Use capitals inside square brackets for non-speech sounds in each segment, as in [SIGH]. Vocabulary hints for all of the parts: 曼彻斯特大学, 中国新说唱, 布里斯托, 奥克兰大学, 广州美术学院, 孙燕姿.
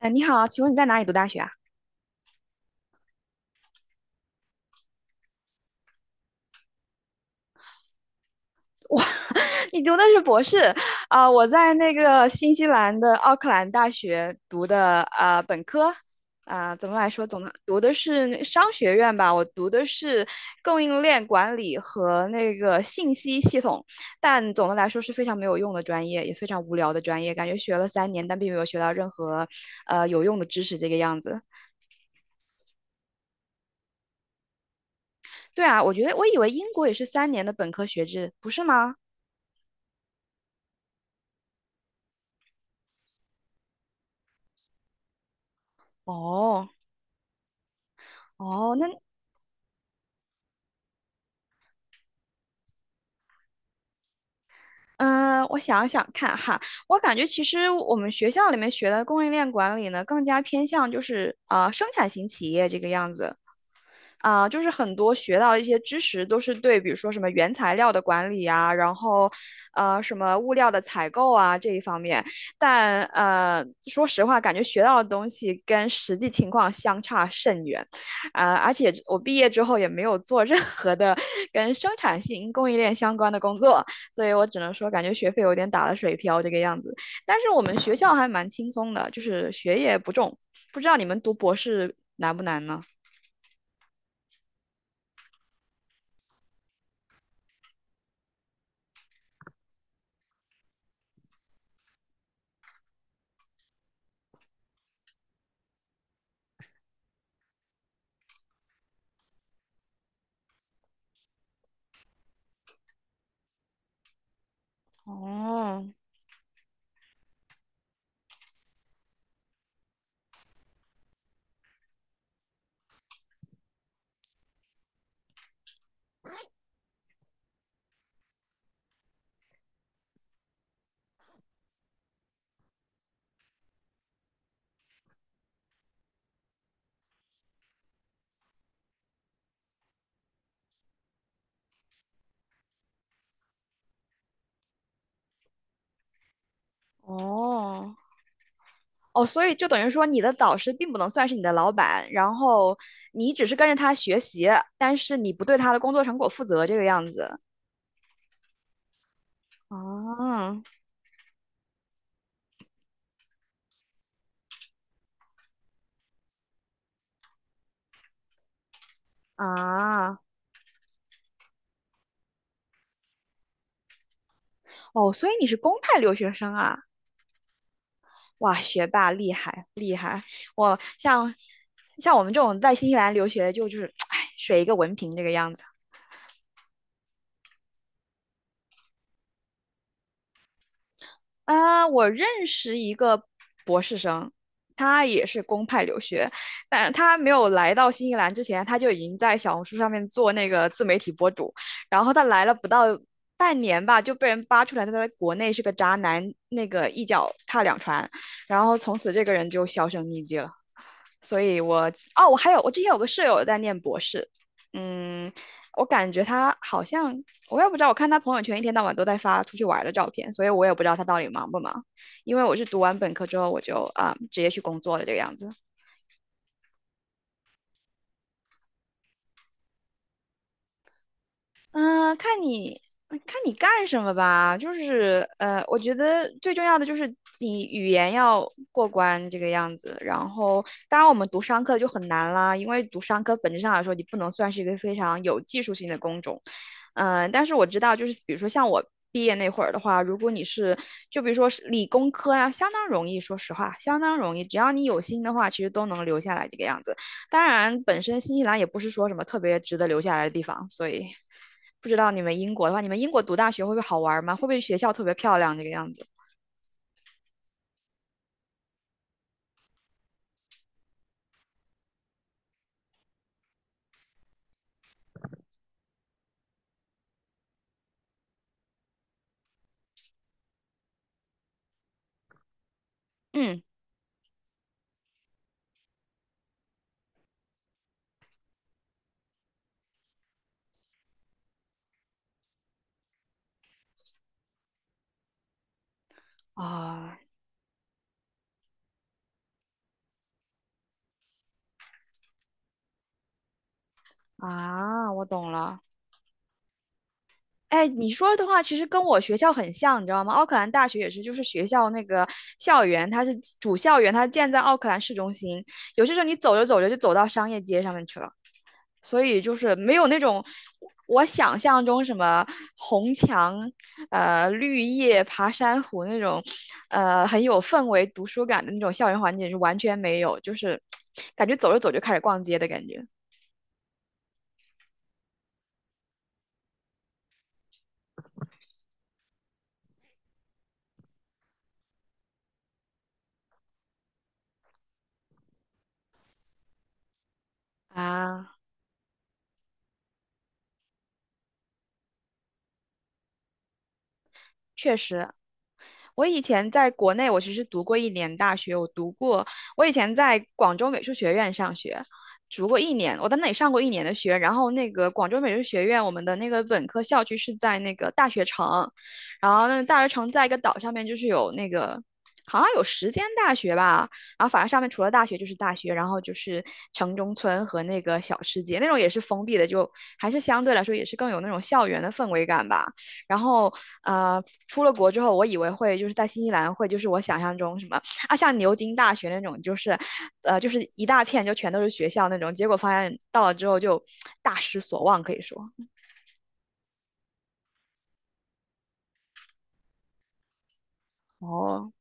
哎，你好，请问你在哪里读大学啊？[LAUGHS] 你读的是博士啊，我在那个新西兰的奥克兰大学读的本科啊，怎么来说，总的读的是那商学院吧，我读的是供应链管理和那个信息系统，但总的来说是非常没有用的专业，也非常无聊的专业，感觉学了三年，但并没有学到任何有用的知识这个样子。对啊，我觉得我以为英国也是三年的本科学制，不是吗？哦。哦，那嗯，我想想看哈，我感觉其实我们学校里面学的供应链管理呢，更加偏向就是啊、生产型企业这个样子。啊，就是很多学到一些知识都是对，比如说什么原材料的管理啊，然后，什么物料的采购啊这一方面，但说实话，感觉学到的东西跟实际情况相差甚远，啊、而且我毕业之后也没有做任何的跟生产性供应链相关的工作，所以我只能说，感觉学费有点打了水漂这个样子。但是我们学校还蛮轻松的，就是学业不重，不知道你们读博士难不难呢？哦，哦哦，所以就等于说，你的导师并不能算是你的老板，然后你只是跟着他学习，但是你不对他的工作成果负责，这个样子。啊啊哦，所以你是公派留学生啊！哇，学霸厉害厉害！我像像我们这种在新西兰留学，就是，[TSK] 哎，水一个文凭这个样子。啊，我认识一个博士生，他也是公派留学，但他没有来到新西兰之前，他就已经在小红书上面做那个自媒体博主，然后他来了不到半年吧，就被人扒出来他在国内是个渣男，那个一脚踏两船，然后从此这个人就销声匿迹了。所以我哦，我还有我之前有个舍友在念博士，嗯，我感觉他好像，我也不知道，我看他朋友圈一天到晚都在发出去玩的照片，所以我也不知道他到底忙不忙。因为我是读完本科之后我就啊、直接去工作了这个样子。嗯，看你看你干什么吧，就是我觉得最重要的就是你语言要过关这个样子。然后，当然我们读商科就很难啦，因为读商科本质上来说，你不能算是一个非常有技术性的工种。但是我知道，就是比如说像我毕业那会儿的话，如果你是就比如说是理工科啊，相当容易，说实话，相当容易，只要你有心的话，其实都能留下来这个样子。当然，本身新西兰也不是说什么特别值得留下来的地方，所以不知道你们英国的话，你们英国读大学会不会好玩吗？会不会学校特别漂亮这个样子？嗯，啊啊，我懂了。哎，你说的话其实跟我学校很像，你知道吗？奥克兰大学也是，就是学校那个校园，它是主校园，它建在奥克兰市中心。有些时候你走着走着就走到商业街上面去了。所以就是没有那种我想象中什么红墙、绿叶、爬山虎那种，很有氛围、读书感的那种校园环境是完全没有，就是感觉走着走着就开始逛街的感觉啊，确实我以前在国内，我其实读过一年大学，我读过，我以前在广州美术学院上学，读过一年，我在那里上过一年的学。然后那个广州美术学院，我们的那个本科校区是在那个大学城，然后那个大学城在一个岛上面，就是有那个。好像有10间大学吧，然后反正上面除了大学就是大学，然后就是城中村和那个小世界，那种也是封闭的，就还是相对来说也是更有那种校园的氛围感吧。然后出了国之后，我以为会就是在新西兰会就是我想象中什么啊，像牛津大学那种，就是就是一大片就全都是学校那种。结果发现到了之后就大失所望，可以说。哦，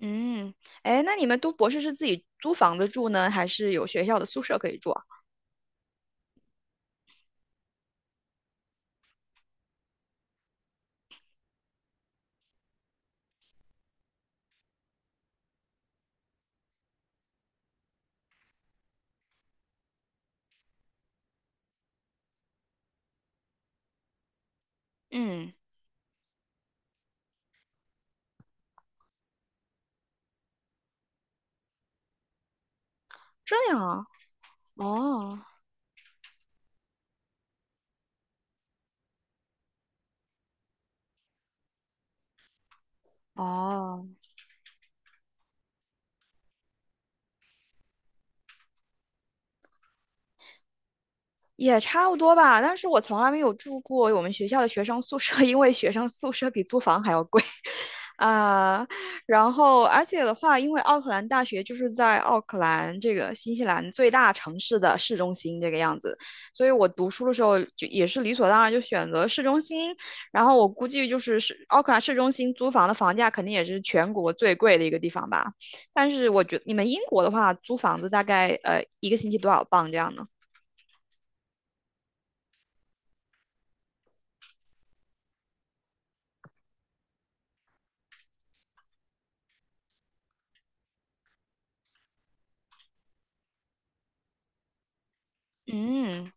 嗯，哎，那你们读博士是自己租房子住呢，还是有学校的宿舍可以住啊？嗯，这样啊，哦。哦，也差不多吧，但是我从来没有住过我们学校的学生宿舍，[LAUGHS] 因为学生宿舍比租房还要贵 [LAUGHS] 啊。然后，而且的话，因为奥克兰大学就是在奥克兰这个新西兰最大城市的市中心这个样子，所以我读书的时候就也是理所当然就选择市中心。然后我估计就是市奥克兰市中心租房的房价肯定也是全国最贵的一个地方吧。但是我觉得你们英国的话，租房子大概一个星期多少磅这样呢？嗯，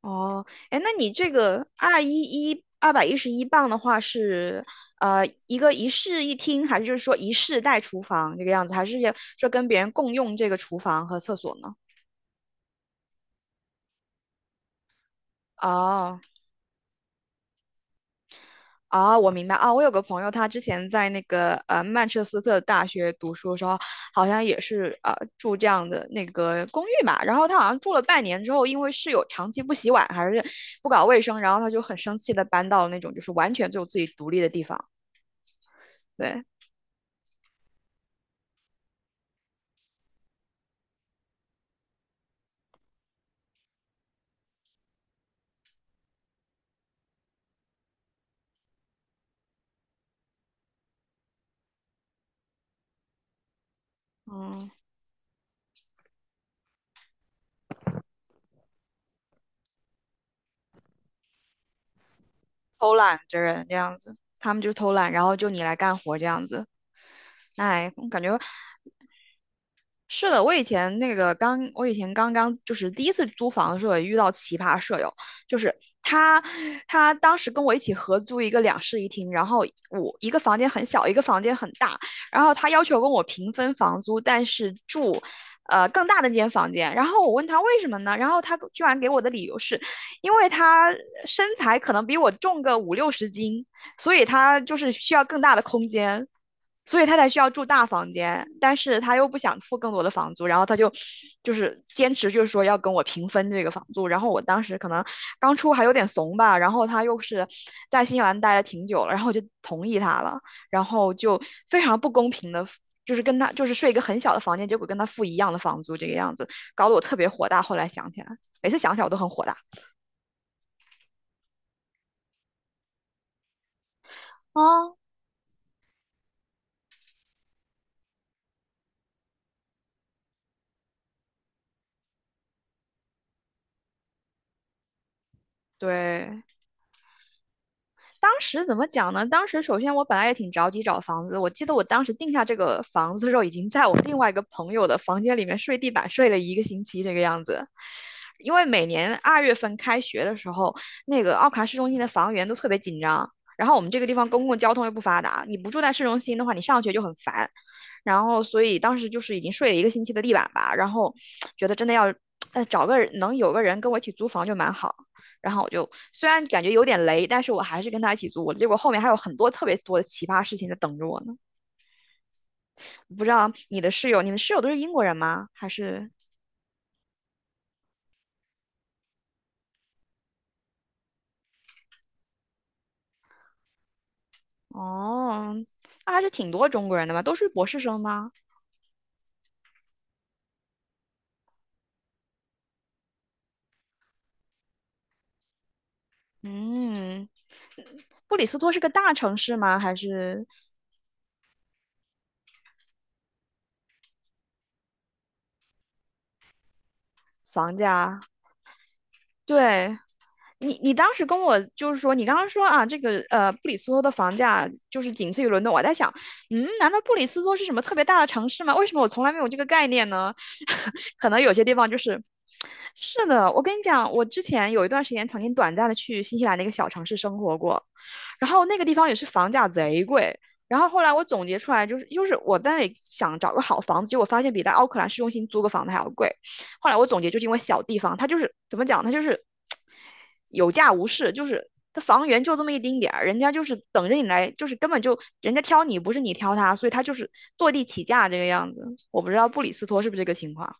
哦，哎，那你这个211磅的话是，一个一室一厅，还是就是说一室带厨房这个样子，还是要说跟别人共用这个厨房和厕所呢？哦，哦，我明白啊，我有个朋友，他之前在那个曼彻斯特大学读书的时候，好像也是住这样的那个公寓嘛，然后他好像住了半年之后，因为室友长期不洗碗还是不搞卫生，然后他就很生气的搬到了那种就是完全就自己独立的地方，对。嗯，偷懒的人这样子，他们就偷懒，然后就你来干活这样子。哎，我感觉是的，我以前刚刚就是第一次租房的时候也遇到奇葩舍友，就是他，他当时跟我一起合租一个两室一厅，然后我一个房间很小，一个房间很大，然后他要求跟我平分房租，但是住，更大的那间房间，然后我问他为什么呢？然后他居然给我的理由是，因为他身材可能比我重个五六十斤，所以他就是需要更大的空间。所以他才需要住大房间，但是他又不想付更多的房租，然后他就是坚持，就是说要跟我平分这个房租。然后我当时可能刚出还有点怂吧，然后他又是在新西兰待了挺久了，然后我就同意他了，然后就非常不公平的，就是跟他就是睡一个很小的房间，结果跟他付一样的房租，这个样子搞得我特别火大。后来想起来，每次想起来我都很火大。啊，对，当时怎么讲呢？当时首先我本来也挺着急找房子，我记得我当时定下这个房子的时候，已经在我另外一个朋友的房间里面睡地板睡了一个星期这个样子。因为每年2月份开学的时候，那个奥卡市中心的房源都特别紧张，然后我们这个地方公共交通又不发达，你不住在市中心的话，你上学就很烦。然后所以当时就是已经睡了一个星期的地板吧，然后觉得真的要，找个能有个人跟我一起租房就蛮好然后我就虽然感觉有点雷，但是我还是跟他一起租。结果后面还有很多特别多的奇葩事情在等着我呢。不知道你的室友，你们室友都是英国人吗？哦，那还是挺多中国人的嘛，都是博士生吗？嗯，布里斯托是个大城市吗？还是房价？对，你当时跟我就是说，你刚刚说啊，这个布里斯托的房价就是仅次于伦敦。我在想，难道布里斯托是什么特别大的城市吗？为什么我从来没有这个概念呢？[LAUGHS] 可能有些地方就是，是的。我跟你讲，我之前有一段时间曾经短暂的去新西兰的一个小城市生活过，然后那个地方也是房价贼贵。然后后来我总结出来，就是我在想找个好房子，结果发现比在奥克兰市中心租个房子还要贵。后来我总结，就是因为小地方，它就是怎么讲，它就是有价无市，就是它房源就这么一丁点儿，人家就是等着你来，就是根本就人家挑你，不是你挑他，所以他就是坐地起价这个样子。我不知道布里斯托是不是这个情况。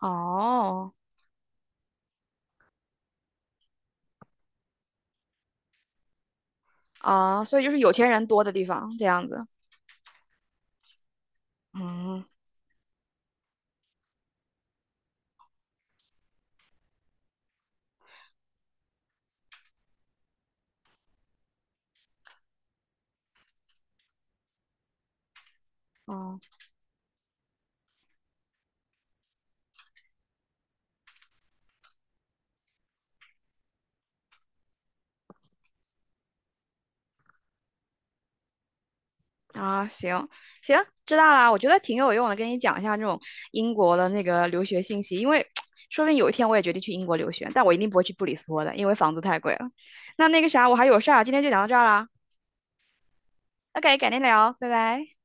哦，啊，所以就是有钱人多的地方这样子。嗯，哦。啊，行行，知道啦。我觉得挺有用的，跟你讲一下这种英国的那个留学信息，因为 [TSK] 说不定有一天我也决定去英国留学，但我一定不会去布里斯托的，因为房租太贵了。那那个啥，我还有事儿啊，今天就讲到这儿啦，OK，改天聊，拜拜。